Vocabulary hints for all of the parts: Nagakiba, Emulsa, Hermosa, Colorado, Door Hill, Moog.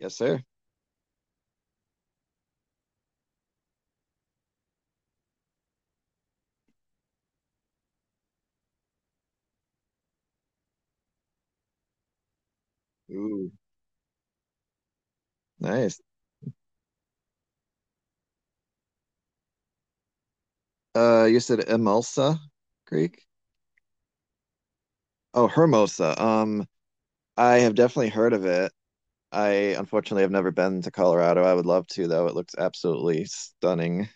Yes, sir. Ooh, nice. You said Emulsa Greek? Oh, Hermosa. I have definitely heard of it. I unfortunately have never been to Colorado. I would love to, though. It looks absolutely stunning.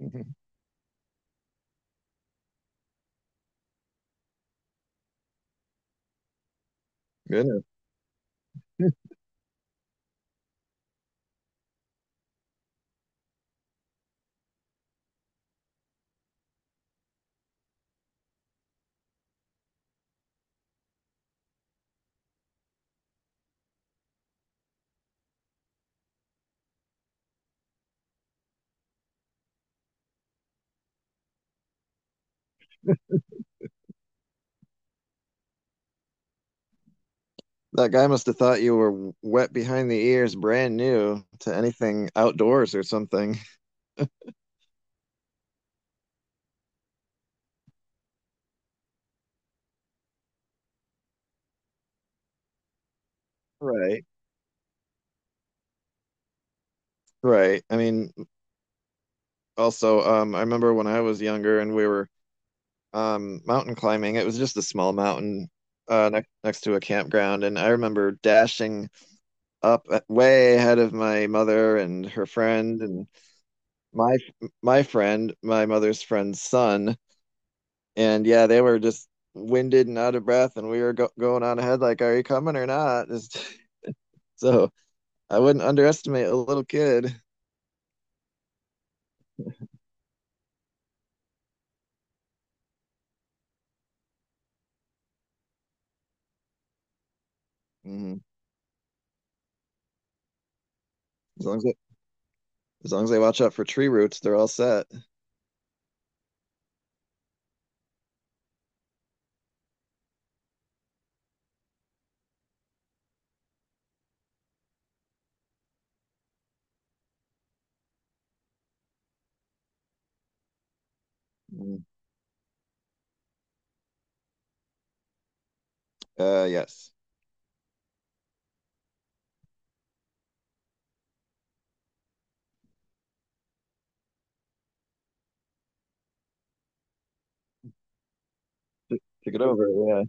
Mhm. Goodness. That guy must have thought you were wet behind the ears, brand new to anything outdoors or something. Right. Right. I mean, also, I remember when I was younger and we were mountain climbing. It was just a small mountain next to a campground, and I remember dashing up way ahead of my mother and her friend and my my friend, my mother's friend's son. And yeah, they were just winded and out of breath, and we were go going on ahead like, are you coming or not? Just, so I wouldn't underestimate a little kid. Mhm. As long as they, as long as they watch out for tree roots, they're all set. Mhm. Uh, yes. Took it over, yeah.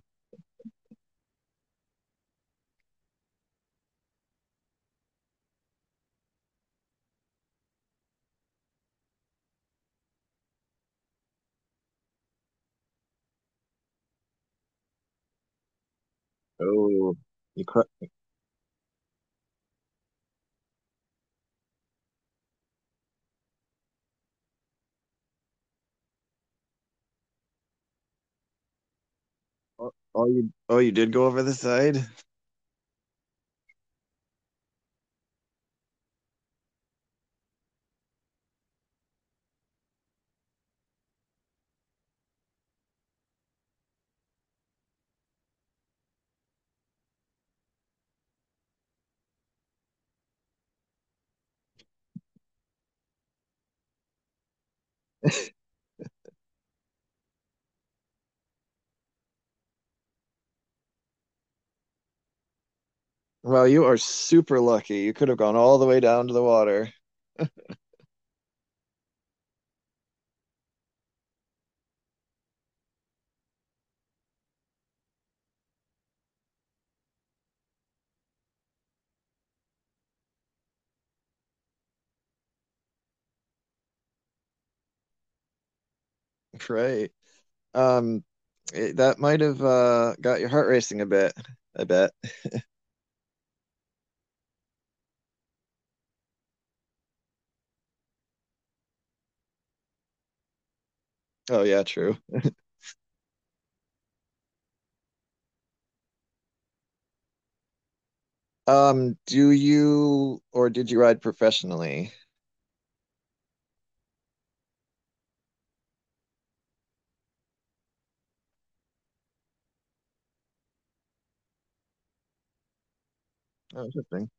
Oh, you cr Oh, oh, you did go over the side? Well, you are super lucky. You could have gone all the way down to the water. Great. Um, it, that might have got your heart racing a bit, I bet. Oh yeah, true. Do you or did you ride professionally? Oh, interesting.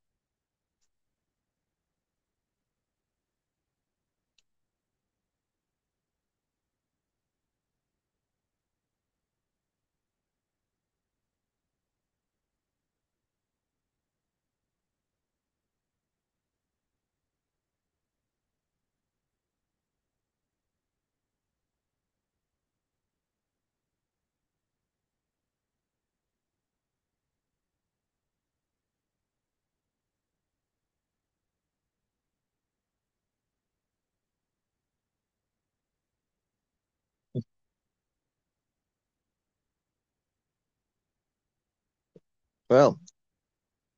Well,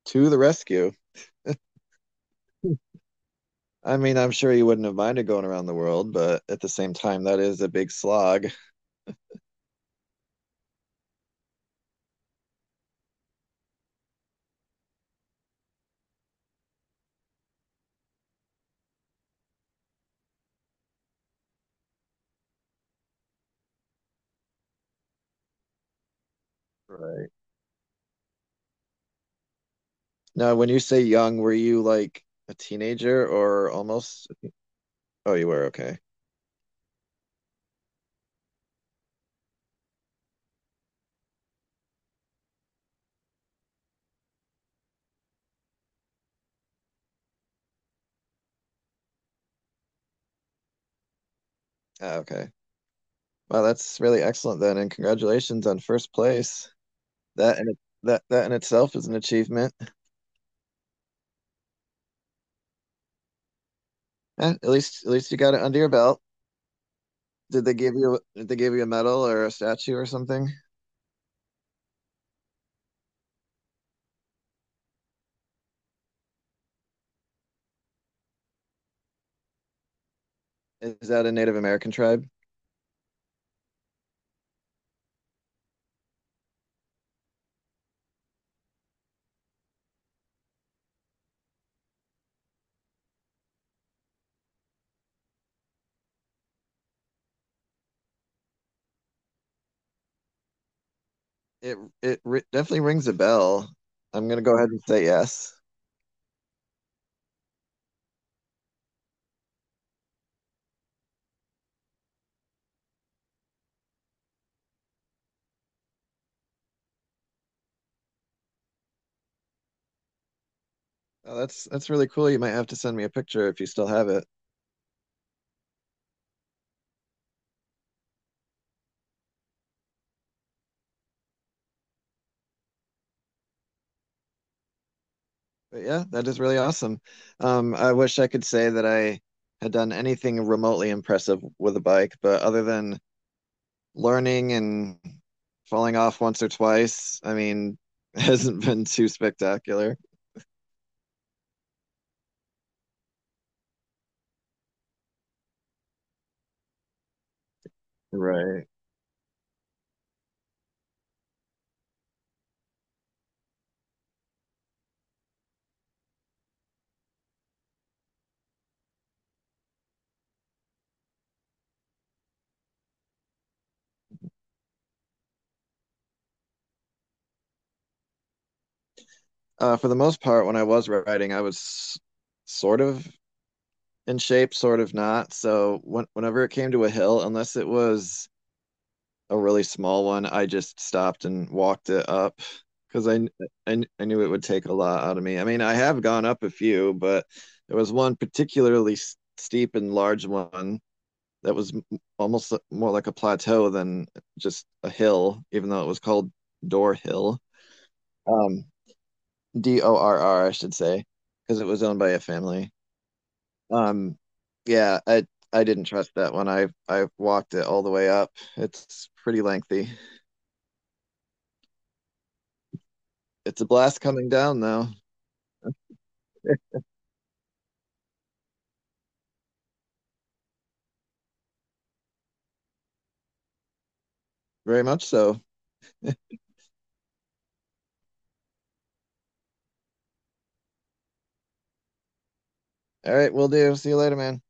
to the rescue. Hmm. I mean, I'm sure you wouldn't have minded going around the world, but at the same time, that is a big slog. Right. Now, when you say young, were you like a teenager or almost a— Oh, you were, okay. Ah, okay. Well, that's really excellent then, and congratulations on first place. That that in itself is an achievement. Eh, at least you got it under your belt. Did they give you a medal or a statue or something? Is that a Native American tribe? It ri Definitely rings a bell. I'm gonna go ahead and say yes. Oh, that's really cool. You might have to send me a picture if you still have it. But yeah, that is really awesome. I wish I could say that I had done anything remotely impressive with a bike, but other than learning and falling off once or twice. I mean, hasn't been too spectacular. Right. For the most part, when I was writing, I was sort of in shape, sort of not. So whenever it came to a hill, unless it was a really small one, I just stopped and walked it up because I knew it would take a lot out of me. I mean, I have gone up a few, but there was one particularly steep and large one that was almost more like a plateau than just a hill, even though it was called Door Hill. Um, Dorr, I should say, because it was owned by a family. Um, yeah, I didn't trust that one. I walked it all the way up. It's pretty lengthy. It's a blast coming down though, very much so. All right, we'll do. See you later, man.